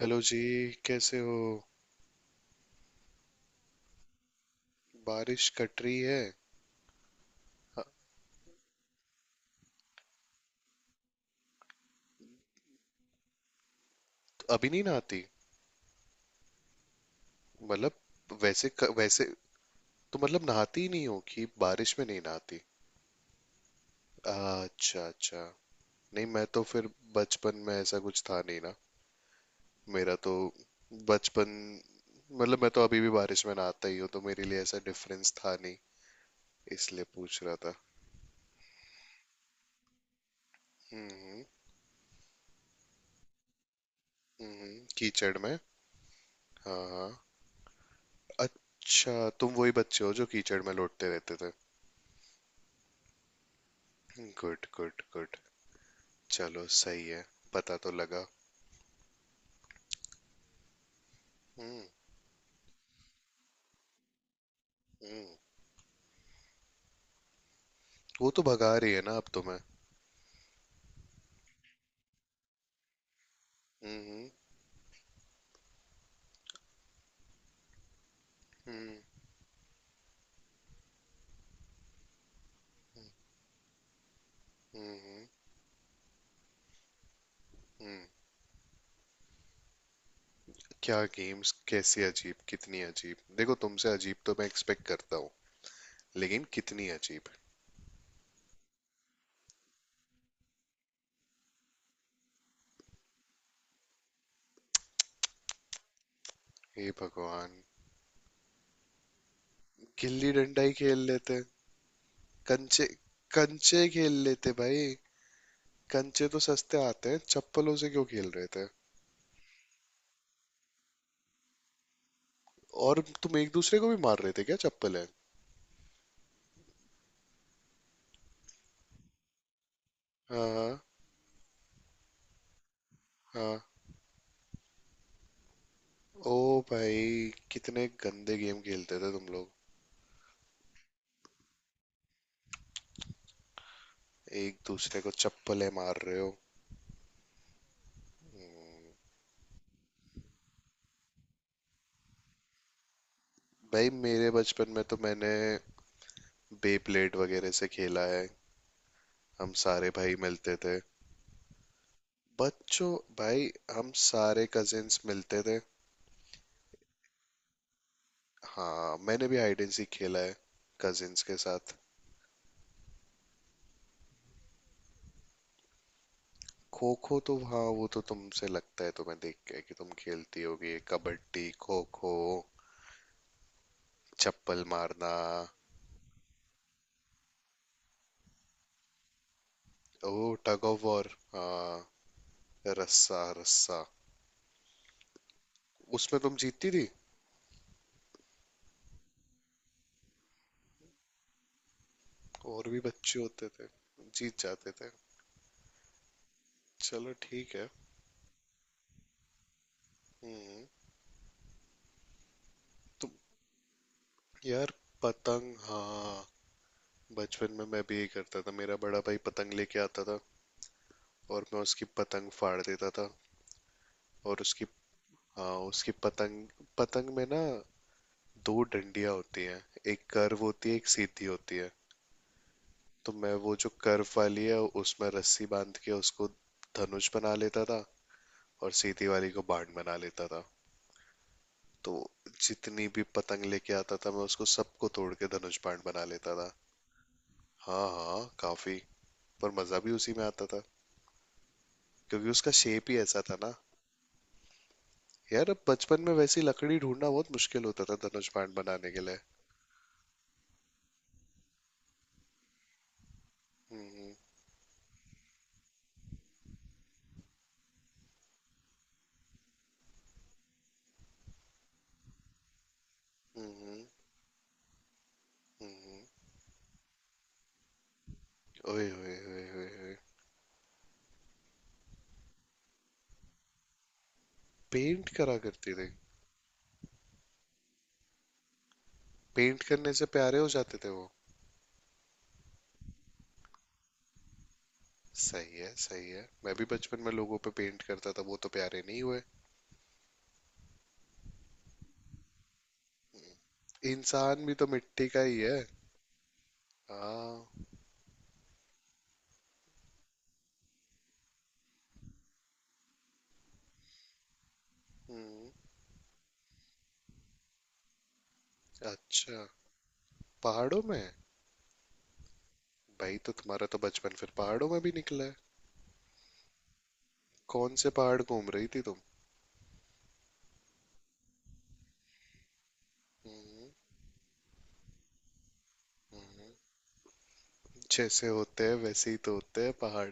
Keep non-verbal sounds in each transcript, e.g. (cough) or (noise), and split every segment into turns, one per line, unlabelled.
Hello जी। कैसे हो? बारिश कट रही है। अभी नहीं नहाती? मतलब वैसे तो मतलब नहाती ही नहीं हो कि बारिश में नहीं नहाती? अच्छा अच्छा। नहीं, मैं तो फिर बचपन में ऐसा कुछ था नहीं ना, मेरा तो बचपन। मतलब मैं तो अभी भी बारिश में नहाता ही हूँ, तो मेरे लिए ऐसा डिफरेंस था नहीं, इसलिए पूछ रहा था। हम्म। हम्म, कीचड़ में। हाँ हाँ। अच्छा, तुम वही बच्चे हो जो कीचड़ में लौटते रहते थे। Good good good. चलो सही है, पता तो लगा। हम्म। हम्म। वो तो भगा रही है ना, अब तो मैं। हम्म। हम्म। हम्म। हम्म। हम्म। क्या गेम्स? कैसी अजीब? कितनी अजीब? देखो, तुमसे अजीब तो मैं एक्सपेक्ट करता हूँ, लेकिन कितनी अजीब? हे भगवान। गिल्ली डंडा ही खेल लेते। कंचे। कंचे खेल लेते भाई। कंचे तो सस्ते आते हैं, चप्पलों से क्यों खेल रहे थे? और तुम एक दूसरे को भी मार रहे थे क्या, चप्पल है? हाँ हाँ। ओ भाई, कितने गंदे गेम खेलते थे तुम लोग। एक दूसरे को चप्पलें मार रहे हो। भाई, मेरे बचपन में तो मैंने बेब्लेड वगैरह से खेला है। हम सारे भाई मिलते थे। बच्चों। भाई, हम सारे कजिन्स मिलते थे। हाँ, मैंने भी हाइड एंड सीक खेला है, कजिन्स के साथ। खो खो, तो हाँ, वो तो तुमसे लगता है, तुम्हें देख के कि तुम खेलती होगी कबड्डी खो खो, चप्पल मारना। ओ, टग ऑफ वॉर। हाँ। रस्सा रस्सा। उसमें तुम जीतती थी? और भी बच्चे होते थे? जीत जाते थे। चलो ठीक है। हम्म। तो यार, पतंग, हाँ। बचपन में मैं भी यही करता था, मेरा बड़ा भाई पतंग लेके आता था, और मैं उसकी पतंग फाड़ देता था। और उसकी, हाँ उसकी पतंग, पतंग में ना दो डंडियां होती हैं। एक कर्व होती है, एक सीधी होती है। तो मैं वो जो कर्व वाली है उसमें रस्सी बांध के उसको धनुष बना लेता था, और सीधी वाली को बाण बना लेता था। तो जितनी भी पतंग लेके आता था, मैं उसको सबको तोड़ के धनुष बाण बना लेता था। हाँ हाँ, काफी। पर मजा भी उसी में आता था, क्योंकि उसका शेप ही ऐसा था ना। यार, अब बचपन में वैसी लकड़ी ढूंढना बहुत मुश्किल होता था धनुष बाण बनाने के लिए। हम्म। हम्म। हम्म, ओए ओए ओए ओए ओए। पेंट करा करते थे। पेंट करने से प्यारे हो जाते थे वो? सही है सही है, मैं भी बचपन में लोगों पे पेंट करता था, वो तो प्यारे नहीं हुए। इंसान भी तो मिट्टी का ही है। हाँ। हम्म। अच्छा, पहाड़ों में। भाई, तो तुम्हारा तो बचपन फिर पहाड़ों में भी निकला है। कौन से पहाड़ घूम रही थी तुम? हम्म। जैसे होते हैं वैसे ही तो होते हैं पहाड़।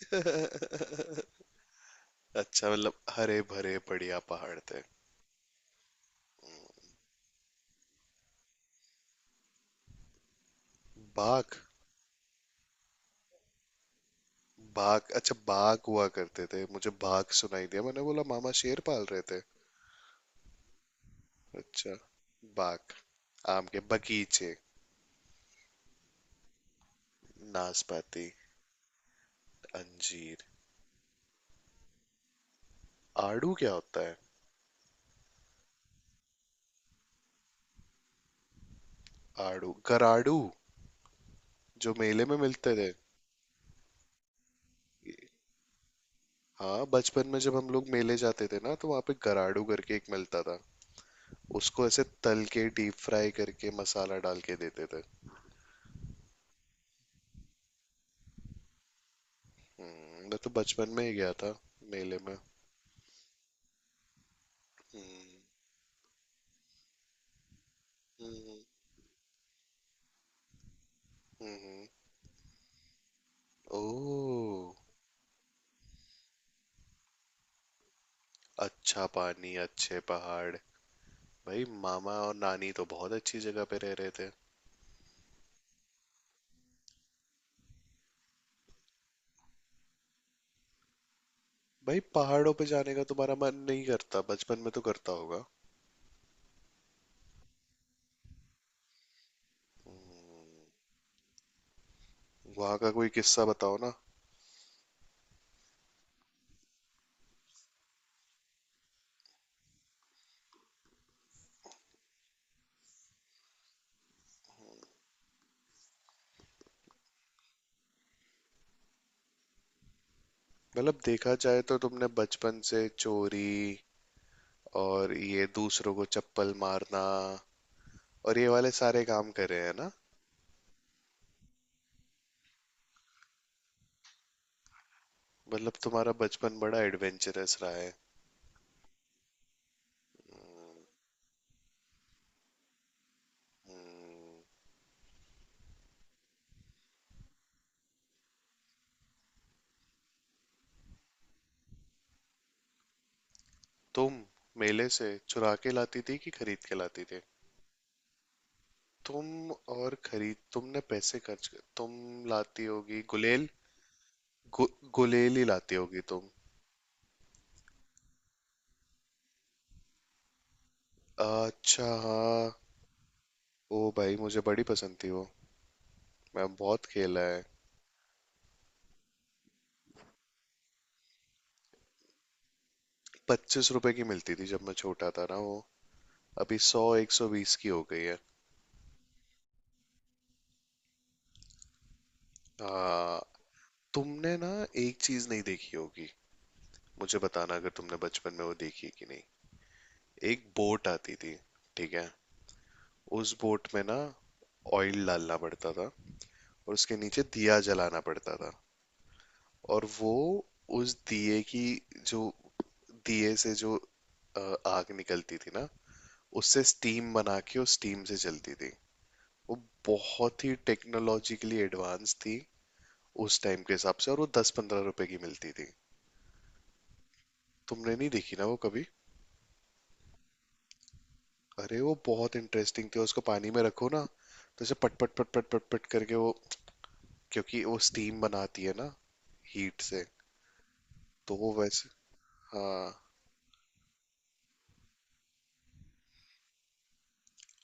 (laughs) अच्छा, मतलब हरे भरे बढ़िया पहाड़ थे। बाघ? बाघ, अच्छा। बाघ हुआ करते थे, मुझे बाघ सुनाई दिया, मैंने बोला मामा शेर पाल रहे थे। अच्छा। बाघ। आम के बगीचे। नाशपाती। अंजीर। आड़ू क्या होता है? आड़ू गराड़ू, जो मेले में मिलते थे। हाँ, बचपन में जब हम लोग मेले जाते थे ना, तो वहाँ पे गराडू करके एक मिलता था। उसको ऐसे तल के डीप फ्राई करके मसाला डाल के देते थे। मैं तो बचपन में ही गया था मेले में। हम्म। हम्म। हम्म, हम्म। ओह। अच्छा पानी, अच्छे पहाड़। भाई, मामा और नानी तो बहुत अच्छी जगह पे रह रहे थे। भाई, पहाड़ों पे जाने का तुम्हारा मन नहीं करता? बचपन में तो करता होगा। वहाँ का कोई किस्सा बताओ ना। मतलब देखा जाए तो तुमने बचपन से चोरी, और ये दूसरों को चप्पल मारना, और ये वाले सारे काम करे हैं ना? मतलब तुम्हारा बचपन बड़ा एडवेंचरस रहा है। तुम मेले से चुरा के लाती थी कि खरीद के लाती थी? तुम और खरीद, तुमने पैसे खर्च कर, तुम लाती होगी गुलेल। गु, गुलेल ही लाती होगी तुम। अच्छा हाँ। ओ भाई, मुझे बड़ी पसंद थी वो। मैं बहुत खेला है। 25 रुपए की मिलती थी जब मैं छोटा था ना वो। अभी 100, 120 की हो गई है। हाँ। तुमने ना एक चीज नहीं देखी होगी, मुझे बताना अगर तुमने बचपन में वो देखी है कि नहीं। एक बोट आती थी। ठीक है? उस बोट में ना ऑयल डालना पड़ता था, और उसके नीचे दिया जलाना पड़ता था। और वो, उस दिए की, जो दिए से जो आग निकलती थी ना, उससे स्टीम बना के उस स्टीम से चलती थी वो। बहुत ही टेक्नोलॉजिकली एडवांस थी उस टाइम के हिसाब से, और वो 10-15 रुपए की मिलती थी। तुमने नहीं देखी ना वो कभी? अरे वो बहुत इंटरेस्टिंग थी, उसको पानी में रखो ना, तो उसे पट पट पट पट पट पट करके वो, क्योंकि वो स्टीम बनाती है ना हीट से। तो वो वैसे, हाँ।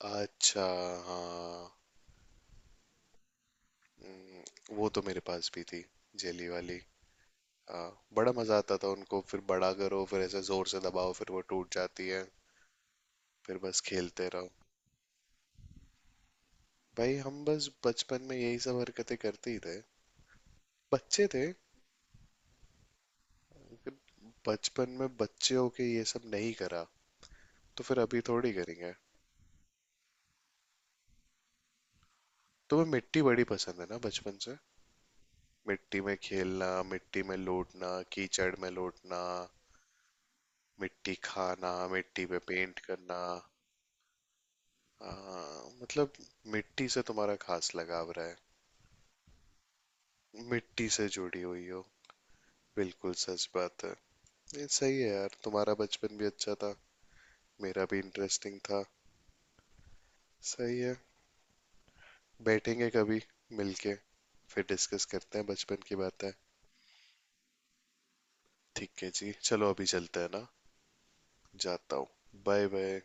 अच्छा हाँ। हम्म, वो तो मेरे पास भी थी, जेली वाली। हाँ। बड़ा मजा आता था, उनको फिर बड़ा करो, फिर ऐसे जोर से दबाओ, फिर वो टूट जाती है। फिर बस खेलते रहो। भाई, हम बस बचपन में यही सब हरकतें करते ही थे, बच्चे थे। फिर बचपन में बच्चे होके ये सब नहीं करा, तो फिर अभी थोड़ी करेंगे? तुम्हें मिट्टी बड़ी पसंद है ना बचपन से। मिट्टी में खेलना, मिट्टी में लौटना, कीचड़ में लौटना, मिट्टी खाना, मिट्टी पे पेंट करना। हाँ, मतलब मिट्टी से तुम्हारा खास लगाव रहा है। मिट्टी से जुड़ी हुई हो, बिल्कुल सच बात है। ये सही है यार, तुम्हारा बचपन भी अच्छा था, मेरा भी इंटरेस्टिंग था। सही है। बैठेंगे कभी मिलके, फिर डिस्कस करते हैं बचपन की बातें। ठीक है जी, चलो अभी चलते हैं ना। जाता हूँ। Bye bye.